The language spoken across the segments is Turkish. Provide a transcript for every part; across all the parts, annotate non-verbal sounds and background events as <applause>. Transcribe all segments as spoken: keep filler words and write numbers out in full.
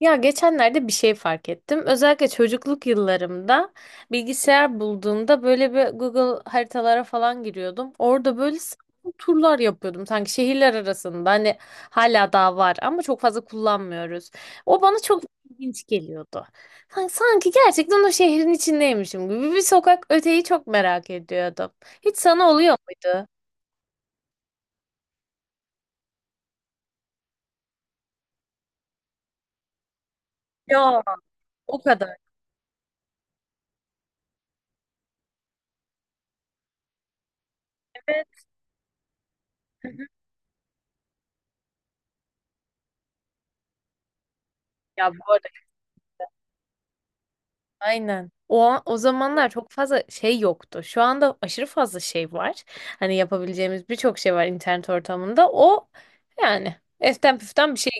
Ya geçenlerde bir şey fark ettim. Özellikle çocukluk yıllarımda bilgisayar bulduğumda böyle bir Google haritalara falan giriyordum. Orada böyle sapma turlar yapıyordum sanki şehirler arasında. Hani hala daha var ama çok fazla kullanmıyoruz. O bana çok ilginç geliyordu. Hani sanki gerçekten o şehrin içindeymişim gibi bir sokak öteyi çok merak ediyordum. Hiç sana oluyor muydu? Ya o kadar. Evet. Hı hı. Ya bu arada aynen. O, an- o zamanlar çok fazla şey yoktu. Şu anda aşırı fazla şey var. Hani yapabileceğimiz birçok şey var internet ortamında. O yani eften püften bir şey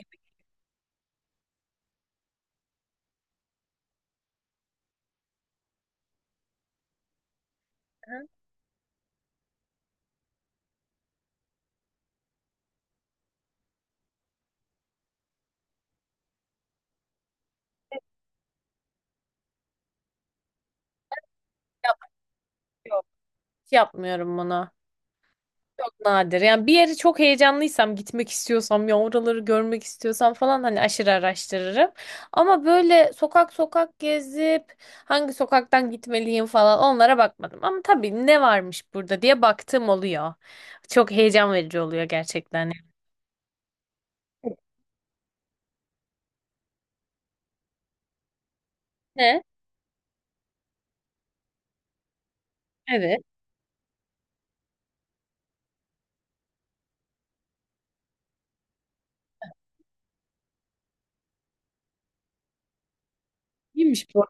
yok. Hiç yapmıyorum bunu. Çok nadir. Yani bir yeri çok heyecanlıysam, gitmek istiyorsam, ya oraları görmek istiyorsam falan hani aşırı araştırırım. Ama böyle sokak sokak gezip hangi sokaktan gitmeliyim falan onlara bakmadım. Ama tabii ne varmış burada diye baktığım oluyor. Çok heyecan verici oluyor gerçekten. Ne? Evet. İyiymiş bu.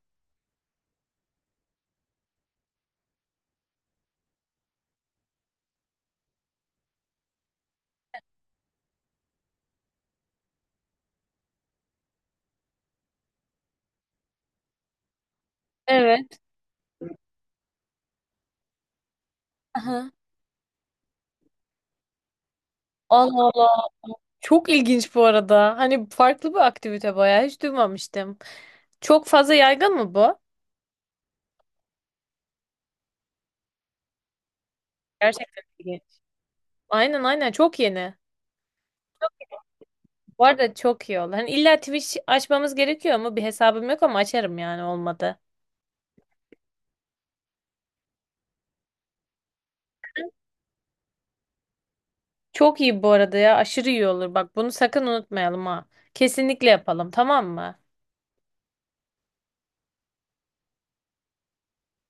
Evet. Aha. Allah Allah. Çok ilginç bu arada. Hani farklı bir aktivite bayağı hiç duymamıştım. Çok fazla yaygın mı bu? Gerçekten ilginç. Aynen aynen, çok yeni. Bu arada çok iyi oldu. Hani illa Twitch açmamız gerekiyor mu? Bir hesabım yok ama açarım yani olmadı. Çok iyi bu arada ya. Aşırı iyi olur. Bak bunu sakın unutmayalım ha. Kesinlikle yapalım, tamam mı?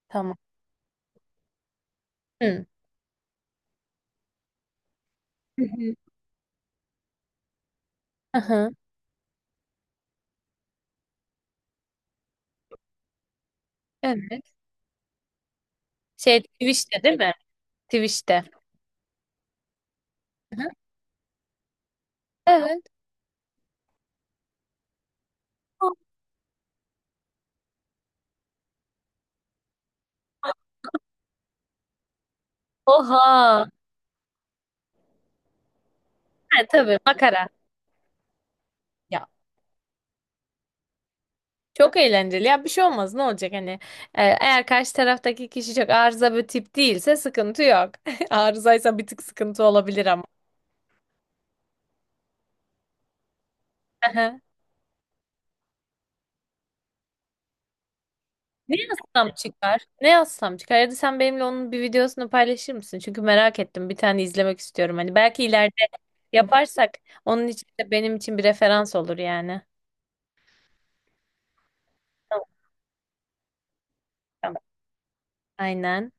Tamam. Hı. Hı hı. Aha. Evet. Şey Twitch'te değil mi? Twitch'te. Aha. Evet. Oha. Ha, tabii makara. Ya çok eğlenceli. Ya bir şey olmaz. Ne olacak hani? Ee, eğer karşı taraftaki kişi çok arıza bir tip değilse sıkıntı yok. <laughs> Arızaysa bir tık sıkıntı olabilir ama. Aha. Ne yazsam çıkar? Ne yazsam çıkar? Ya da sen benimle onun bir videosunu paylaşır mısın? Çünkü merak ettim. Bir tane izlemek istiyorum. Hani belki ileride yaparsak onun için de benim için bir referans olur yani. Tamam. Tamam. Aynen.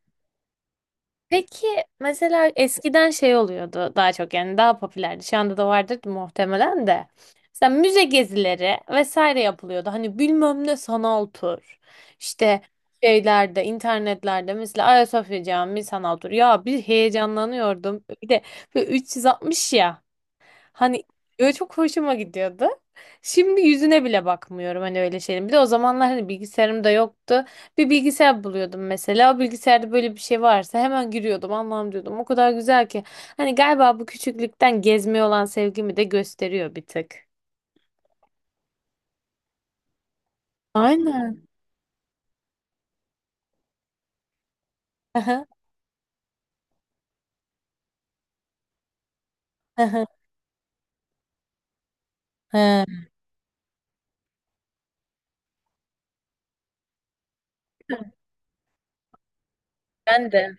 Peki mesela eskiden şey oluyordu daha çok, yani daha popülerdi. Şu anda da vardır muhtemelen de. Mesela müze gezileri vesaire yapılıyordu. Hani bilmem ne sanal tur. İşte şeylerde, internetlerde mesela Ayasofya Camii sanal tur. Ya bir heyecanlanıyordum. Bir de böyle üç yüz altmış ya. Hani böyle çok hoşuma gidiyordu. Şimdi yüzüne bile bakmıyorum hani öyle şeyin. Bir de o zamanlar hani bilgisayarım da yoktu. Bir bilgisayar buluyordum mesela. O bilgisayarda böyle bir şey varsa hemen giriyordum. Allah'ım diyordum. O kadar güzel ki. Hani galiba bu küçüklükten gezmeye olan sevgimi de gösteriyor bir tık. Aynen. Aha, aha. He, ben de.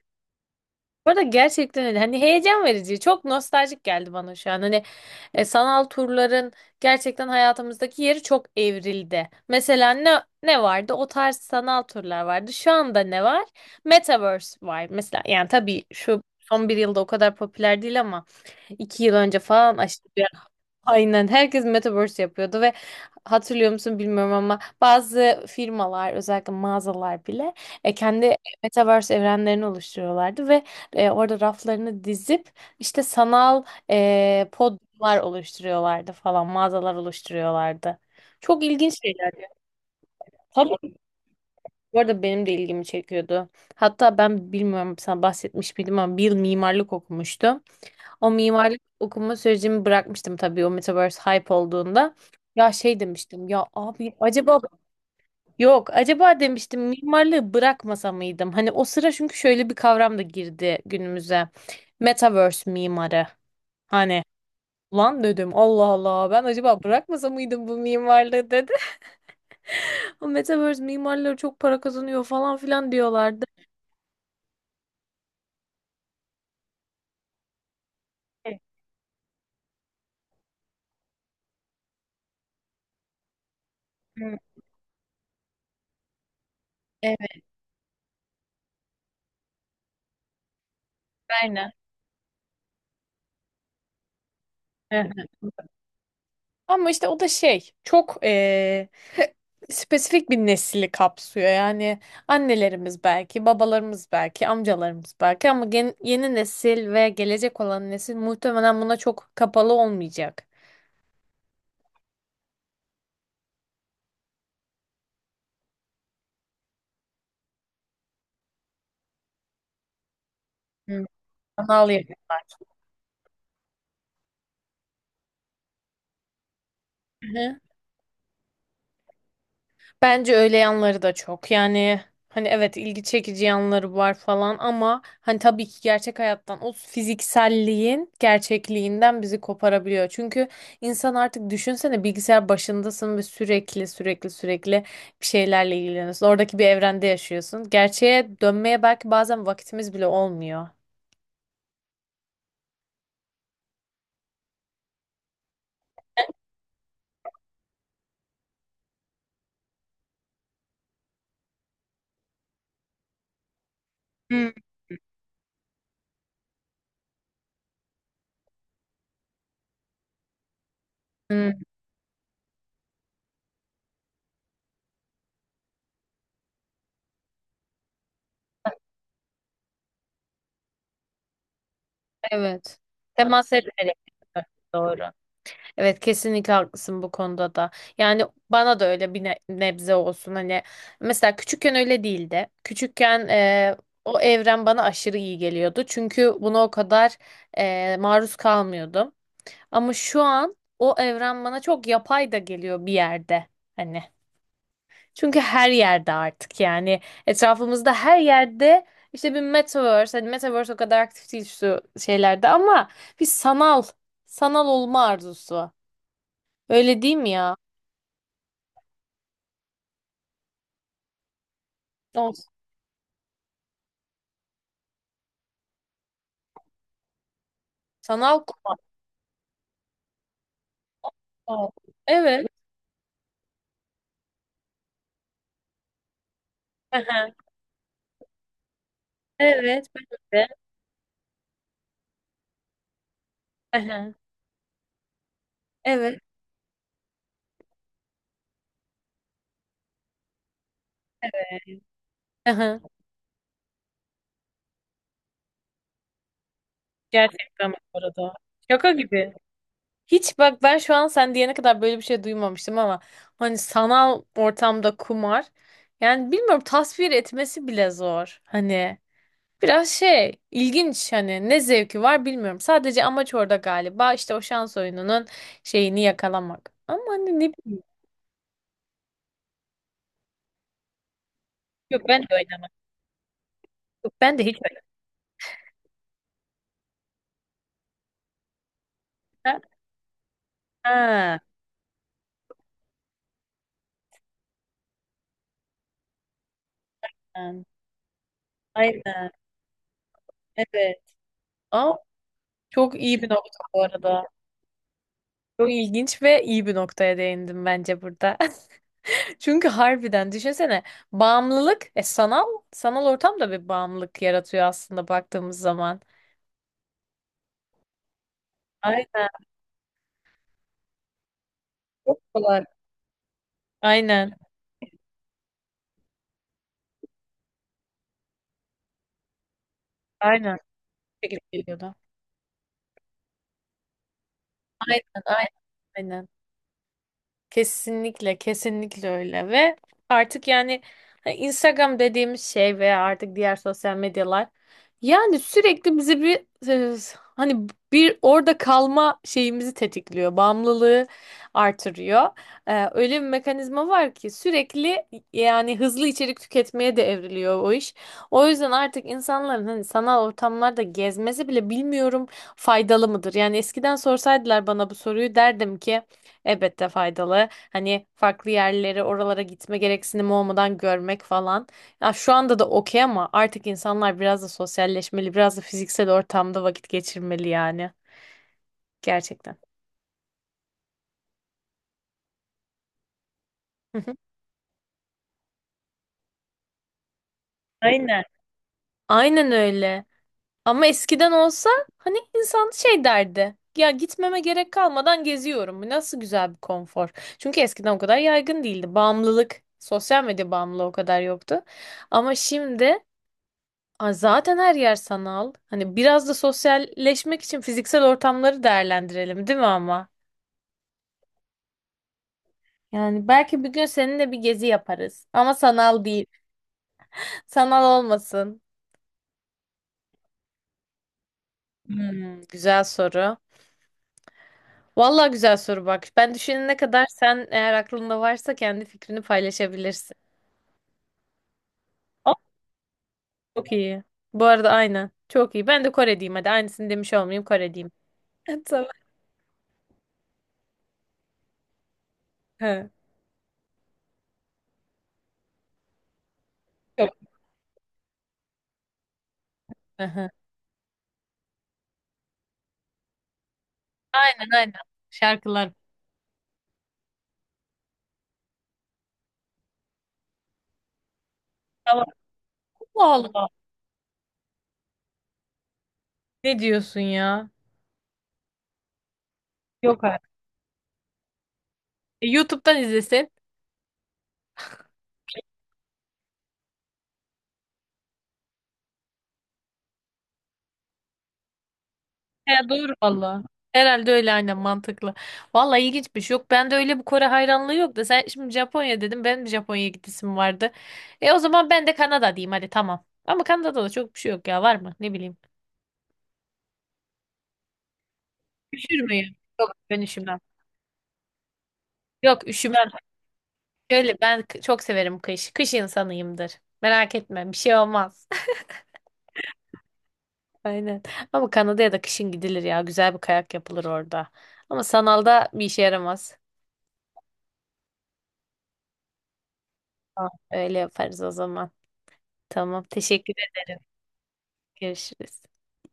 Bu arada gerçekten öyle. Hani heyecan verici. Çok nostaljik geldi bana şu an. Hani e, sanal turların gerçekten hayatımızdaki yeri çok evrildi. Mesela ne ne vardı? O tarz sanal turlar vardı. Şu anda ne var? Metaverse var. Mesela yani tabii şu son bir yılda o kadar popüler değil ama iki yıl önce falan aşırı bir aynen herkes metaverse yapıyordu ve hatırlıyor musun bilmiyorum ama bazı firmalar özellikle mağazalar bile e, kendi metaverse evrenlerini oluşturuyorlardı ve e, orada raflarını dizip işte sanal e, podlar oluşturuyorlardı falan, mağazalar oluşturuyorlardı. Çok ilginç şeyler ya. Tabii bu arada benim de ilgimi çekiyordu. Hatta ben bilmiyorum sana bahsetmiş miydim ama bir yıl mimarlık okumuştum. O mimarlık okuma sürecimi bırakmıştım tabii o Metaverse hype olduğunda. Ya şey demiştim ya abi acaba, yok acaba demiştim mimarlığı bırakmasa mıydım? Hani o sıra çünkü şöyle bir kavram da girdi günümüze. Metaverse mimarı. Hani lan dedim Allah Allah ben acaba bırakmasa mıydım bu mimarlığı dedi. <laughs> O Metaverse mimarları çok para kazanıyor falan filan diyorlardı. Evet, evet, aynen. <laughs> Ama işte o da şey çok eee, <laughs> spesifik bir nesli kapsıyor. Yani annelerimiz belki, babalarımız belki, amcalarımız belki ama gen- yeni nesil ve gelecek olan nesil muhtemelen buna çok kapalı olmayacak. Hı. Anal yemek. Bence öyle yanları da çok. Yani hani evet ilgi çekici yanları var falan ama hani tabii ki gerçek hayattan o fizikselliğin gerçekliğinden bizi koparabiliyor. Çünkü insan artık düşünsene bilgisayar başındasın ve sürekli sürekli sürekli bir şeylerle ilgileniyorsun. Oradaki bir evrende yaşıyorsun. Gerçeğe dönmeye belki bazen vakitimiz bile olmuyor. Hmm, evet. Temas etmedik. Doğru. Evet kesinlikle haklısın bu konuda da. Yani bana da öyle bir ne- nebze olsun, hani mesela küçükken öyle değildi. Küçükken e, o evren bana aşırı iyi geliyordu. Çünkü buna o kadar e, maruz kalmıyordum. Ama şu an o evren bana çok yapay da geliyor bir yerde hani. Çünkü her yerde artık yani etrafımızda her yerde işte bir metaverse, hani metaverse o kadar aktif değil şu şeylerde ama bir sanal, sanal olma arzusu. Öyle değil mi ya? Olsun. Sanal kumar. Aa, evet. Aha. Evet. Ben de. Aha. Evet. Aha. Gerçekten bu arada. Şaka gibi. Hiç bak ben şu an sen diyene kadar böyle bir şey duymamıştım ama hani sanal ortamda kumar, yani bilmiyorum tasvir etmesi bile zor. Hani biraz şey ilginç, hani ne zevki var bilmiyorum. Sadece amaç orada galiba işte o şans oyununun şeyini yakalamak. Ama hani ne bileyim. Yok ben de oynamam. Yok ben de hiç oynamam. Ha. Ha. Aynen. Evet. Ama çok iyi bir nokta bu arada. Çok ilginç ve iyi bir noktaya değindim bence burada. <laughs> Çünkü harbiden düşünsene bağımlılık e, sanal, sanal ortam da bir bağımlılık yaratıyor aslında baktığımız zaman. Aynen. Çok kolay. Aynen. Aynen. Bu şekilde geliyordu. Aynen. Aynen. Aynen. Kesinlikle, kesinlikle öyle ve artık yani hani Instagram dediğimiz şey veya artık diğer sosyal medyalar yani sürekli bizi bir e, hani bir orada kalma şeyimizi tetikliyor, bağımlılığı artırıyor. Ee, öyle bir mekanizma var ki sürekli yani hızlı içerik tüketmeye de evriliyor o iş. O yüzden artık insanların hani sanal ortamlarda gezmesi bile bilmiyorum faydalı mıdır? Yani eskiden sorsaydılar bana bu soruyu derdim ki elbette faydalı. Hani farklı yerleri oralara gitme gereksinimi olmadan görmek falan. Ya şu anda da okey ama artık insanlar biraz da sosyalleşmeli, biraz da fiziksel ortamda vakit geçirmeli yani. Gerçekten. Hı hı. Aynen. Aynen öyle. Ama eskiden olsa hani insan şey derdi. Ya gitmeme gerek kalmadan geziyorum. Bu nasıl güzel bir konfor. Çünkü eskiden o kadar yaygın değildi. Bağımlılık, sosyal medya bağımlılığı o kadar yoktu. Ama şimdi ay zaten her yer sanal. Hani biraz da sosyalleşmek için fiziksel ortamları değerlendirelim, değil mi ama? Yani belki bir gün seninle bir gezi yaparız. Ama sanal değil. Sanal olmasın. Hmm, güzel soru. Vallahi güzel soru bak. Ben düşünene kadar sen eğer aklında varsa kendi fikrini paylaşabilirsin. Aa, çok iyi. Bu arada aynen. Çok iyi. Ben de Kore diyeyim hadi. Aynısını demiş olmayayım, Kore diyeyim. <laughs> Tamam. Hı. Yok. Hı hı. Aynen aynen. Şarkılar. Tamam. Allah Allah. Ne diyorsun ya? Yok artık. E, YouTube'dan izlesin. He, doğru valla. Herhalde öyle, aynen mantıklı. Valla ilginçmiş. Yok bende öyle bir Kore hayranlığı yok da sen şimdi Japonya dedim. Benim de Japonya'ya gidesim vardı. E o zaman ben de Kanada diyeyim hadi, tamam. Ama Kanada'da da çok bir şey yok ya, var mı? Ne bileyim. Üşür müyüm? Yok ben üşümem. Yok üşümem. Şöyle ben k- çok severim kış. Kış insanıyımdır. Merak etme bir şey olmaz. <laughs> Aynen. Ama Kanada'ya da kışın gidilir ya. Güzel bir kayak yapılır orada. Ama sanalda bir işe yaramaz. Tamam, öyle yaparız o zaman. Tamam, teşekkür ederim. Görüşürüz.